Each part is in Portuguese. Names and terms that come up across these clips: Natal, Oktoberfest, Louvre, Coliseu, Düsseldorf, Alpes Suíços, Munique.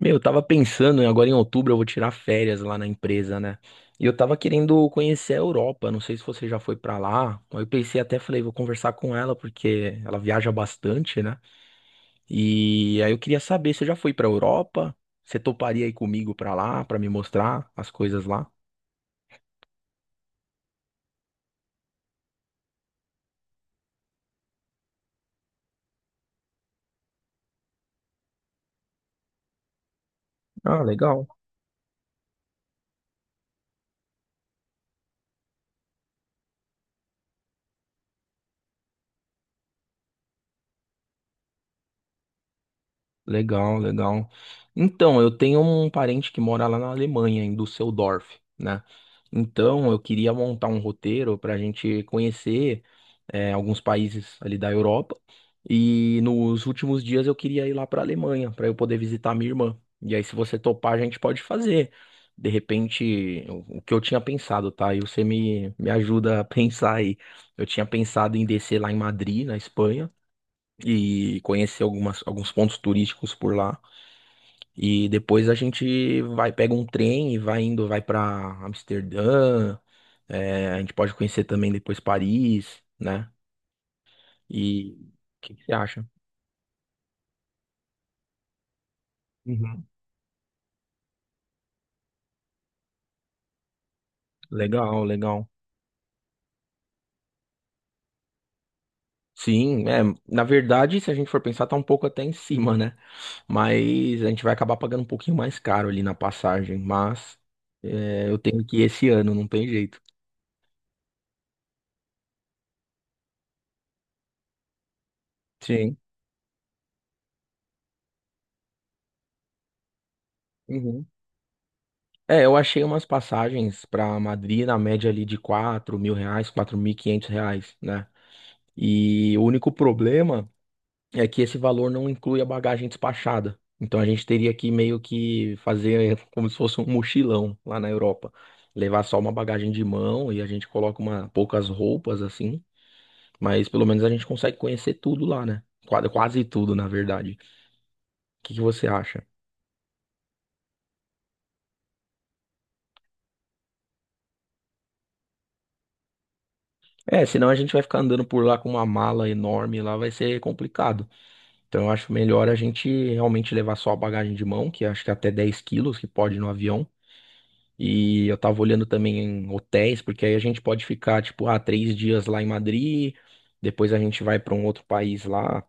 Meu, eu tava pensando, né, agora em outubro eu vou tirar férias lá na empresa, né? E eu tava querendo conhecer a Europa, não sei se você já foi pra lá. Aí eu pensei até, falei, vou conversar com ela porque ela viaja bastante, né? E aí eu queria saber, você já foi pra Europa? Você toparia ir comigo pra lá, pra me mostrar as coisas lá? Ah, legal. Legal, legal. Então, eu tenho um parente que mora lá na Alemanha, em Düsseldorf, né? Então, eu queria montar um roteiro para a gente conhecer alguns países ali da Europa. E nos últimos dias eu queria ir lá para a Alemanha, para eu poder visitar minha irmã. E aí, se você topar, a gente pode fazer. De repente, o que eu tinha pensado, tá? E você me ajuda a pensar aí. Eu tinha pensado em descer lá em Madrid, na Espanha e conhecer alguns pontos turísticos por lá. E depois a gente vai, pega um trem e vai indo, vai para Amsterdã. A gente pode conhecer também depois Paris, né? E o que que você acha? Uhum. Legal, legal. Sim, na verdade, se a gente for pensar, tá um pouco até em cima, né? Mas a gente vai acabar pagando um pouquinho mais caro ali na passagem, mas eu tenho que ir esse ano, não tem jeito. Sim. Uhum. É, eu achei umas passagens para Madrid na média ali de R$ 4.000, R$ 4.500, né? E o único problema é que esse valor não inclui a bagagem despachada. Então a gente teria que meio que fazer como se fosse um mochilão lá na Europa. Levar só uma bagagem de mão e a gente coloca poucas roupas assim, mas pelo menos a gente consegue conhecer tudo lá, né? Quase tudo, na verdade. O que que você acha? É, senão a gente vai ficar andando por lá com uma mala enorme, lá vai ser complicado. Então eu acho melhor a gente realmente levar só a bagagem de mão, que acho que é até 10 quilos que pode no avião. E eu tava olhando também em hotéis, porque aí a gente pode ficar, tipo, ah, 3 dias lá em Madrid, depois a gente vai para um outro país lá.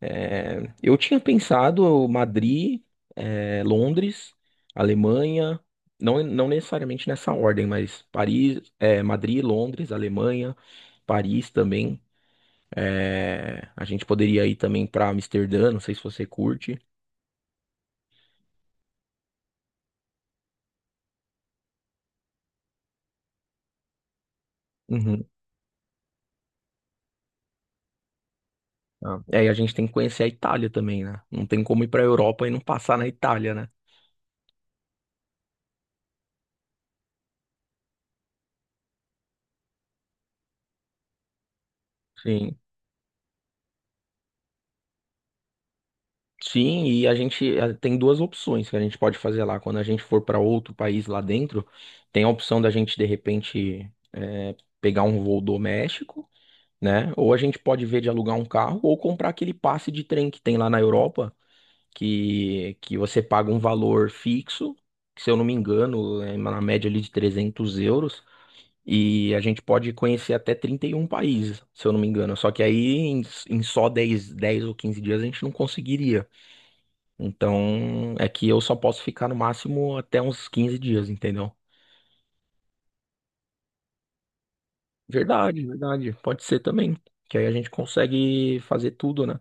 É, eu tinha pensado Madrid, Londres, Alemanha, não, não necessariamente nessa ordem, mas Paris, Madrid, Londres, Alemanha, Paris também. É, a gente poderia ir também para Amsterdã, não sei se você curte. Uhum. Ah, e aí a gente tem que conhecer a Itália também, né? Não tem como ir para a Europa e não passar na Itália, né? Sim. Sim, e a gente tem duas opções que a gente pode fazer lá. Quando a gente for para outro país lá dentro, tem a opção da gente, de repente, pegar um voo doméstico, né? Ou a gente pode ver de alugar um carro ou comprar aquele passe de trem que tem lá na Europa que você paga um valor fixo, que, se eu não me engano, é na média ali de 300 euros, e a gente pode conhecer até 31 países, se eu não me engano. Só que aí em só dez ou 15 dias a gente não conseguiria. Então é que eu só posso ficar no máximo até uns 15 dias, entendeu? Verdade, verdade. Pode ser também. Que aí a gente consegue fazer tudo, né?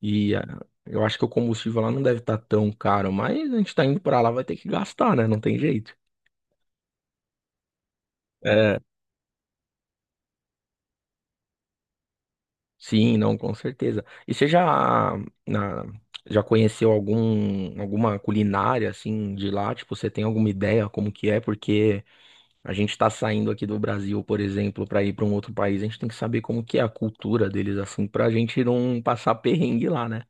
E eu acho que o combustível lá não deve estar tão caro, mas a gente tá indo pra lá, vai ter que gastar, né? Não tem jeito. É, sim, não, com certeza. E você na- já conheceu alguma culinária assim de lá? Tipo, você tem alguma ideia como que é? Porque a gente tá saindo aqui do Brasil, por exemplo, para ir para um outro país, a gente tem que saber como que é a cultura deles assim, pra gente não passar perrengue lá, né?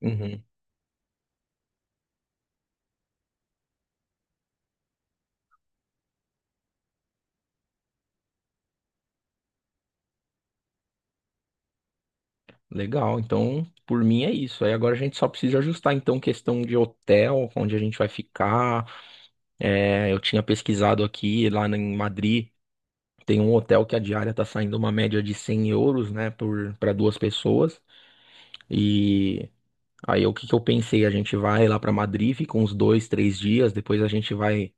Uhum. Legal. Então, por mim é isso. Aí agora a gente só precisa ajustar então questão de hotel, onde a gente vai ficar. É, eu tinha pesquisado aqui lá em Madrid. Tem um hotel que a diária tá saindo uma média de 100 euros, né, por para duas pessoas. E aí o que que eu pensei? A gente vai lá para Madrid, fica uns 2, 3 dias. Depois a gente vai.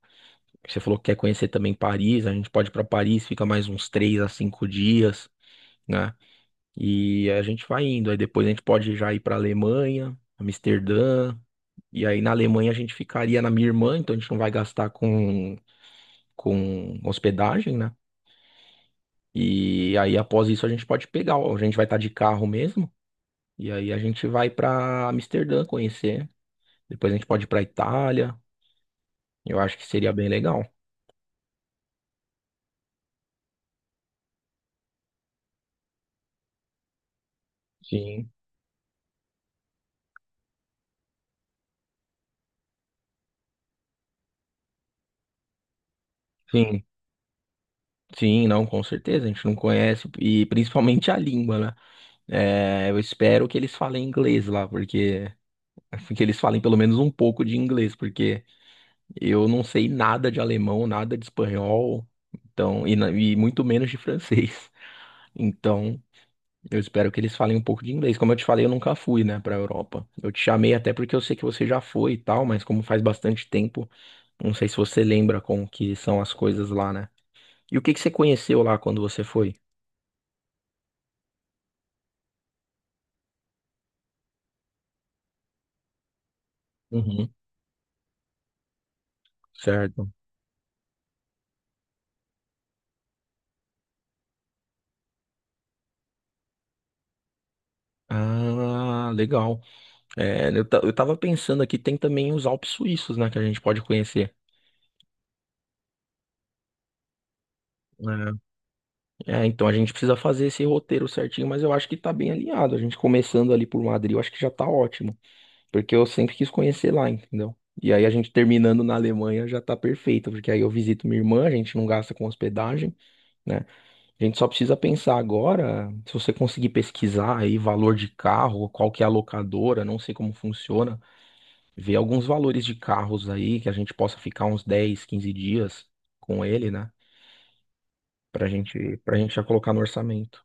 Você falou que quer conhecer também Paris. A gente pode ir para Paris, fica mais uns 3 a 5 dias, né? E a gente vai indo. Aí depois a gente pode já ir para Alemanha, Amsterdã. E aí na Alemanha a gente ficaria na minha irmã, então a gente não vai gastar com hospedagem, né? E aí, após isso, a gente pode pegar, ó, a gente vai estar de carro mesmo. E aí a gente vai pra Amsterdã conhecer. Depois a gente pode ir pra Itália. Eu acho que seria bem legal. Sim, sim, sim, não, com certeza. A gente não conhece, e principalmente a língua, né? É, eu espero que eles falem inglês lá, porque. Que eles falem pelo menos um pouco de inglês, porque eu não sei nada de alemão, nada de espanhol, então, e muito menos de francês. Então, eu espero que eles falem um pouco de inglês. Como eu te falei, eu nunca fui, né, para Europa. Eu te chamei até porque eu sei que você já foi e tal, mas como faz bastante tempo, não sei se você lembra como que são as coisas lá, né? E o que que você conheceu lá quando você foi? Uhum, certo. Ah, legal. É, eu tava pensando aqui, tem também os Alpes suíços, né, que a gente pode conhecer. É, é, então a gente precisa fazer esse roteiro certinho, mas eu acho que tá bem alinhado. A gente começando ali por Madrid, eu acho que já tá ótimo. Porque eu sempre quis conhecer lá, entendeu? E aí a gente terminando na Alemanha já tá perfeito, porque aí eu visito minha irmã, a gente não gasta com hospedagem, né? A gente só precisa pensar agora, se você conseguir pesquisar aí valor de carro, qual que é a locadora, não sei como funciona, ver alguns valores de carros aí que a gente possa ficar uns 10, 15 dias com ele, né? Pra gente já colocar no orçamento.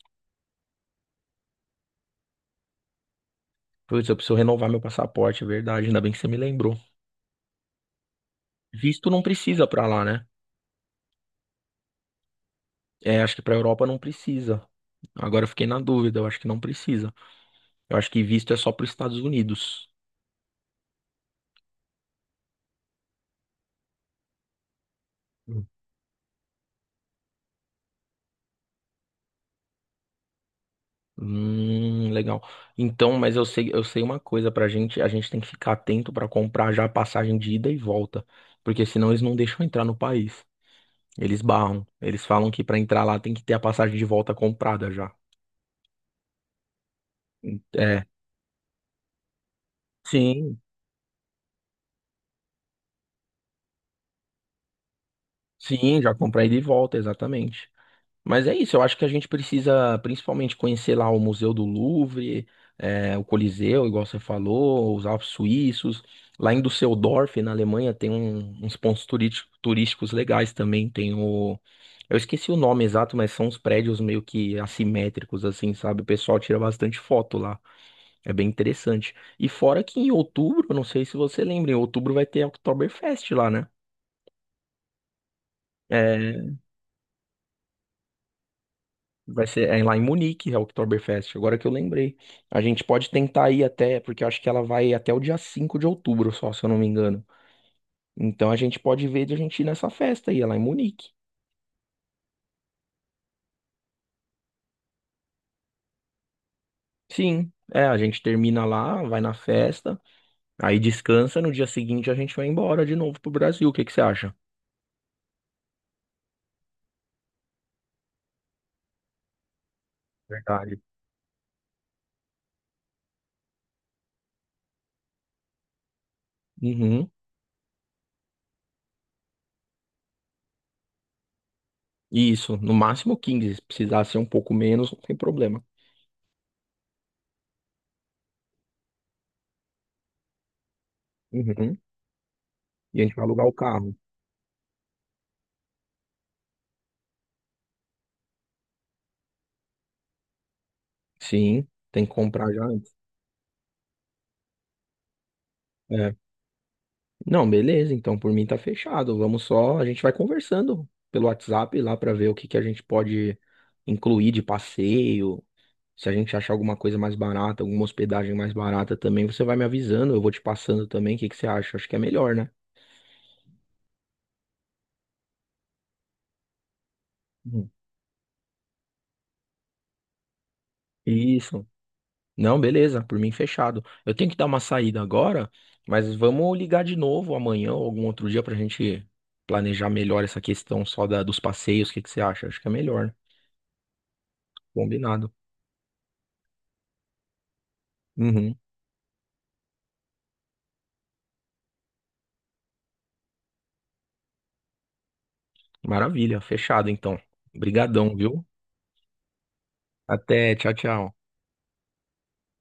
Putz, eu preciso renovar meu passaporte, é verdade, ainda bem que você me lembrou. Visto não precisa pra lá, né? É, acho que pra Europa não precisa. Agora eu fiquei na dúvida, eu acho que não precisa. Eu acho que visto é só para os Estados Unidos. Hum. Legal. Então, mas eu sei uma coisa pra gente, a gente tem que ficar atento pra comprar já a passagem de ida e volta, porque senão eles não deixam entrar no país. Eles barram. Eles falam que pra entrar lá tem que ter a passagem de volta comprada já. É. Sim, sim, já comprei de volta, exatamente. Mas é isso, eu acho que a gente precisa principalmente conhecer lá o Museu do Louvre, o Coliseu, igual você falou, os Alpes Suíços. Lá em Düsseldorf, na Alemanha, tem uns pontos turísticos legais também. Tem o. Eu esqueci o nome exato, mas são uns prédios meio que assimétricos, assim, sabe? O pessoal tira bastante foto lá. É bem interessante. E fora que em outubro, não sei se você lembra, em outubro vai ter a Oktoberfest lá, né? É, vai ser é lá em Munique, é o Oktoberfest, agora que eu lembrei. A gente pode tentar ir até, porque eu acho que ela vai até o dia 5 de outubro só, se eu não me engano. Então a gente pode ver de a gente ir nessa festa aí, é lá em Munique. Sim, a gente termina lá, vai na festa, aí descansa, no dia seguinte a gente vai embora de novo pro Brasil. O que que você acha? Verdade. Uhum. Isso, no máximo 15, se precisar ser um pouco menos, não tem problema. Uhum. E a gente vai alugar o carro. Sim, tem que comprar já antes. É. Não, beleza, então por mim tá fechado. Vamos só, a gente vai conversando pelo WhatsApp lá pra ver o que que a gente pode incluir de passeio. Se a gente achar alguma coisa mais barata, alguma hospedagem mais barata também, você vai me avisando, eu vou te passando também. O que que você acha? Acho que é melhor, né? Hum. Isso. Não, beleza, por mim fechado. Eu tenho que dar uma saída agora, mas vamos ligar de novo amanhã ou algum outro dia pra gente planejar melhor essa questão só dos passeios. O que que você acha? Acho que é melhor, né? Combinado. Uhum. Maravilha, fechado então. Obrigadão, viu? Até, tchau, tchau.